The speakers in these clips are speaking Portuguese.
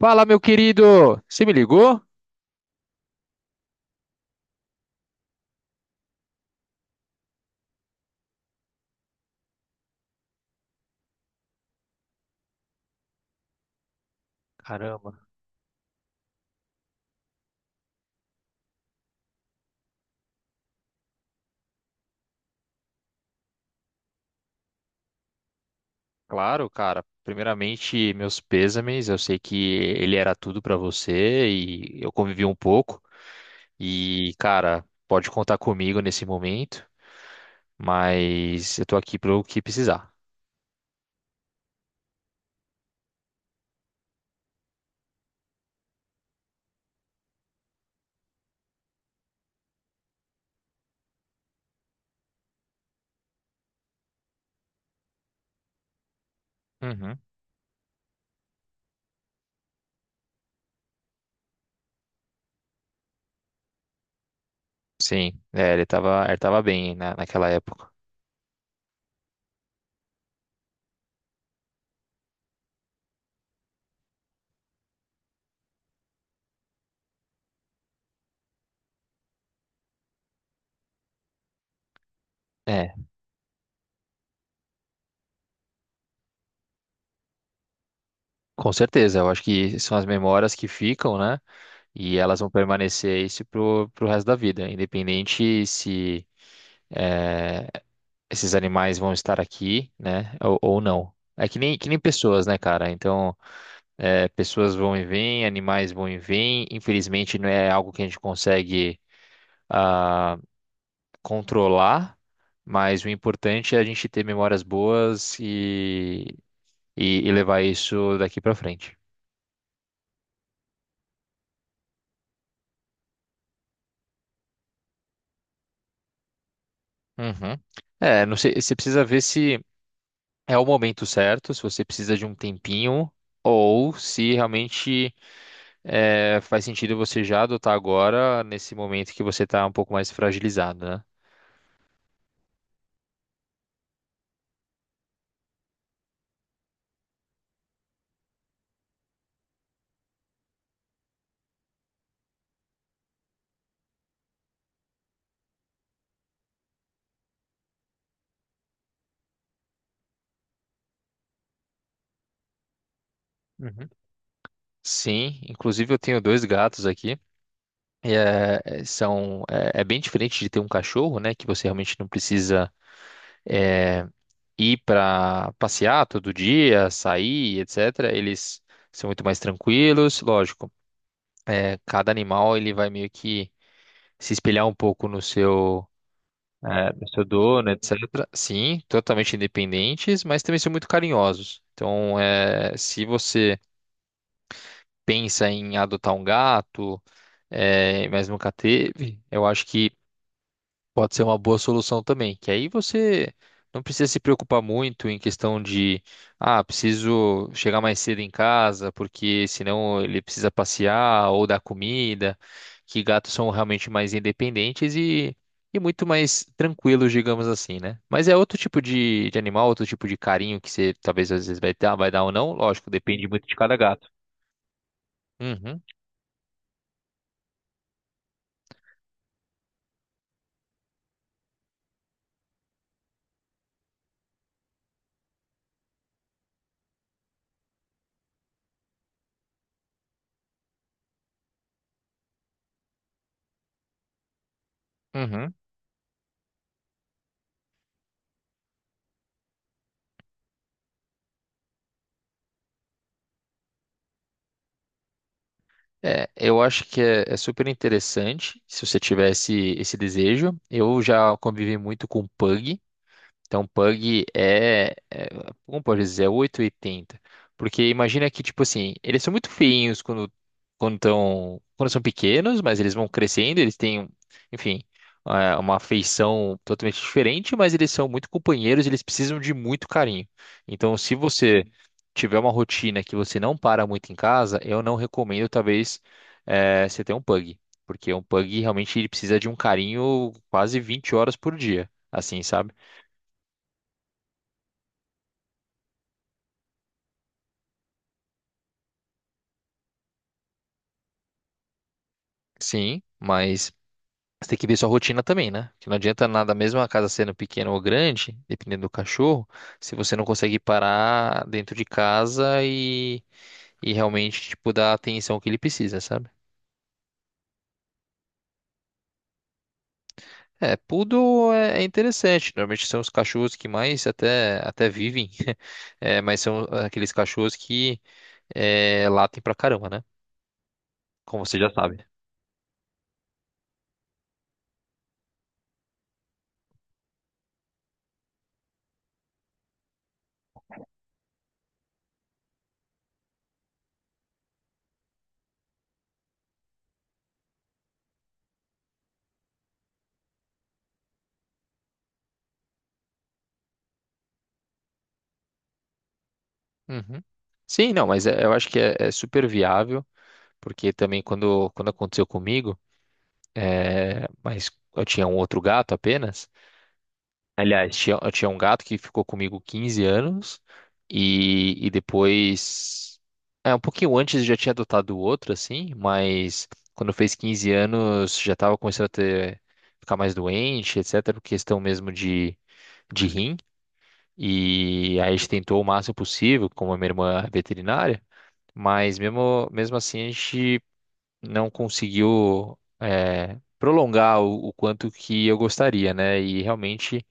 Fala, meu querido! Você me ligou? Caramba. Claro, cara. Primeiramente, meus pêsames. Eu sei que ele era tudo pra você e eu convivi um pouco. E, cara, pode contar comigo nesse momento, mas eu tô aqui pro que precisar. Uhum. Sim, é, ele tava bem na, naquela época. É. Com certeza, eu acho que são as memórias que ficam, né? E elas vão permanecer isso pro, pro resto da vida, independente se eh, esses animais vão estar aqui, né? Ou não. É que nem pessoas, né, cara? Então, pessoas vão e vêm, animais vão e vêm. Infelizmente, não é algo que a gente consegue ah, controlar, mas o importante é a gente ter memórias boas e levar isso daqui pra frente. Uhum. É, não sei, você precisa ver se é o momento certo, se você precisa de um tempinho, ou se realmente é, faz sentido você já adotar agora, nesse momento que você está um pouco mais fragilizado, né? Uhum. Sim, inclusive eu tenho dois gatos aqui. E, é, é, são, é, é bem diferente de ter um cachorro, né? Que você realmente não precisa. É, ir para passear todo dia, sair, etc. Eles são muito mais tranquilos, lógico. É, cada animal ele vai meio que se espelhar um pouco no seu é, no seu dono, etc. Sim, totalmente independentes, mas também são muito carinhosos. Então, é, se você pensa em adotar um gato, é, mas nunca teve, eu acho que pode ser uma boa solução também, que aí você não precisa se preocupar muito em questão de, preciso chegar mais cedo em casa, porque senão ele precisa passear ou dar comida, que gatos são realmente mais independentes e muito mais tranquilos, digamos assim, né? Mas é outro tipo de animal, outro tipo de carinho que você talvez às vezes vai dar ou não, lógico, depende muito de cada gato. Uhum, uhum. É, eu acho que é, é super interessante se você tivesse esse desejo. Eu já convivi muito com Pug, então, Pug é, é, como pode dizer, é 880. Porque imagina que, tipo assim, eles são muito feinhos quando quando são pequenos, mas eles vão crescendo, eles têm, enfim, é, uma feição totalmente diferente, mas eles são muito companheiros, eles precisam de muito carinho. Então, se você tiver uma rotina que você não para muito em casa, eu não recomendo, talvez, é, você ter um Pug. Porque um Pug realmente ele precisa de um carinho quase 20 horas por dia, assim, sabe? Sim, mas você tem que ver sua rotina também, né? Que não adianta nada, mesmo a casa sendo pequena ou grande, dependendo do cachorro, se você não consegue parar dentro de casa e realmente, tipo, dar a atenção que ele precisa, sabe? É, poodle é interessante. Normalmente são os cachorros que mais até vivem, é, mas são aqueles cachorros que é, latem pra caramba, né? Como você já sabe. Uhum. Sim, não, mas é- eu acho que é, é super viável, porque também quando aconteceu comigo. É, mas eu tinha um outro gato apenas. Aliás, tinha, eu tinha um gato que ficou comigo 15 anos e depois. É, um pouquinho antes eu já tinha adotado outro, assim, mas quando fez 15 anos já estava começando a ter, ficar mais doente, etc., por questão mesmo de rim. E aí a gente tentou o máximo possível, como a minha irmã é veterinária, mas mesmo assim a gente não conseguiu é, prolongar o quanto que eu gostaria, né? E realmente,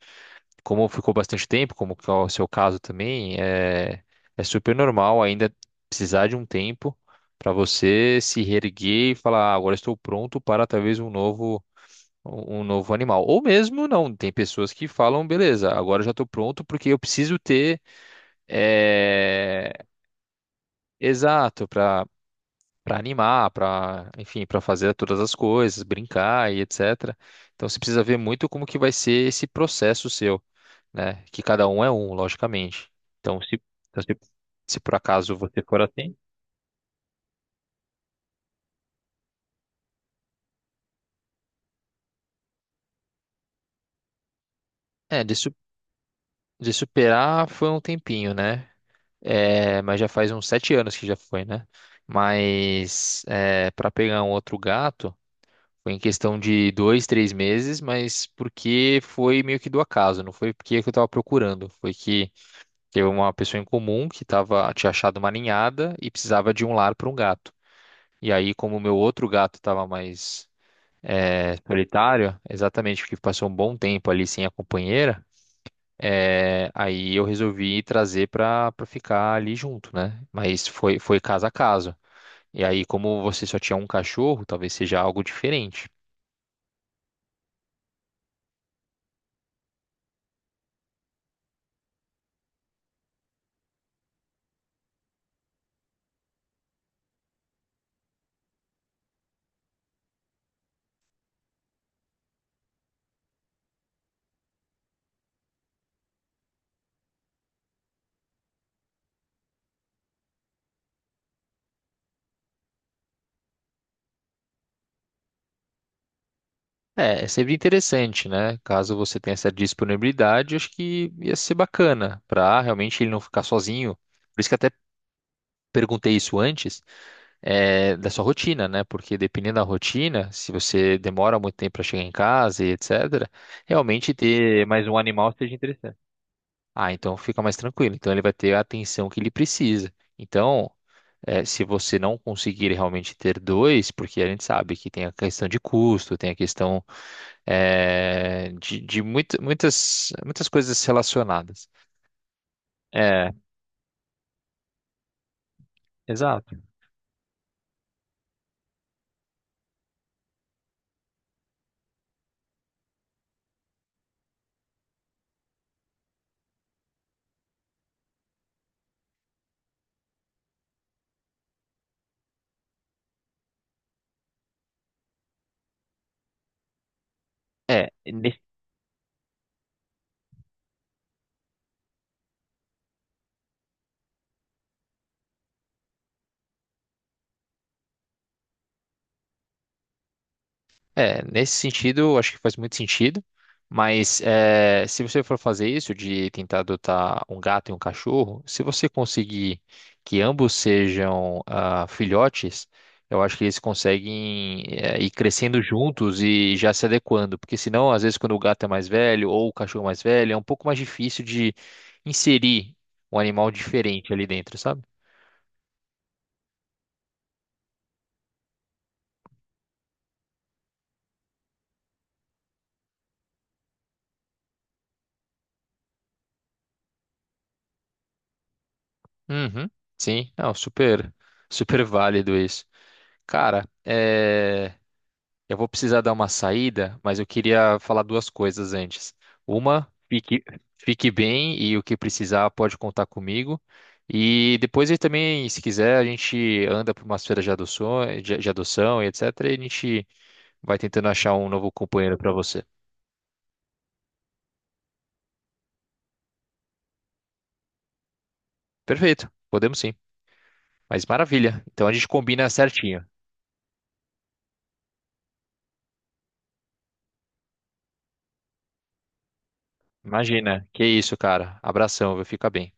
como ficou bastante tempo, como que é o seu caso também, é, é super normal ainda precisar de um tempo para você se reerguer e falar, "Ah, agora estou pronto para talvez um novo animal." Ou mesmo não, tem pessoas que falam, beleza, agora eu já estou pronto porque eu preciso ter é, exato para animar, para, enfim, para fazer todas as coisas, brincar e etc. Então você precisa ver muito como que vai ser esse processo seu, né? Que cada um é um, logicamente. Então se, então, se, se por acaso você for assim, é, de superar foi um tempinho, né? É, mas já faz uns 7 anos que já foi, né? Mas é, para pegar um outro gato foi em questão de dois, três meses, mas porque foi meio que do acaso, não foi porque eu estava procurando, foi que teve uma pessoa em comum que tava, tinha achado uma ninhada e precisava de um lar para um gato. E aí, como o meu outro gato estava mais é, solitário, exatamente porque passou um bom tempo ali sem a companheira, é, aí eu resolvi trazer para ficar ali junto, né? Mas foi, foi caso a caso. E aí, como você só tinha um cachorro, talvez seja algo diferente. É, é sempre interessante, né? Caso você tenha essa disponibilidade, acho que ia ser bacana para realmente ele não ficar sozinho. Por isso que até perguntei isso antes, é, da sua rotina, né? Porque dependendo da rotina, se você demora muito tempo para chegar em casa e etc., realmente ter mais um animal seja interessante. Ah, então fica mais tranquilo. Então ele vai ter a atenção que ele precisa. Então, é, se você não conseguir realmente ter dois, porque a gente sabe que tem a questão de custo, tem a questão é, de muita- muitas coisas relacionadas. É, exato. É, é, nesse sentido, acho que faz muito sentido, mas é, se você for fazer isso de tentar adotar um gato e um cachorro, se você conseguir que ambos sejam filhotes, eu acho que eles conseguem é, ir crescendo juntos e já se adequando, porque senão, às vezes, quando o gato é mais velho ou o cachorro é mais velho, é um pouco mais difícil de inserir um animal diferente ali dentro, sabe? Uhum, sim, não, super, super válido isso. Cara, é. Eu vou precisar dar uma saída, mas eu queria falar duas coisas antes. Uma, fique bem e o que precisar pode contar comigo. E depois aí também, se quiser, a gente anda para umas feiras de adoção, de adoção e etc. E a gente vai tentando achar um novo companheiro para você. Perfeito, podemos sim. Mas maravilha. Então a gente combina certinho. Imagina, que isso, cara. Abração, viu? Fica bem.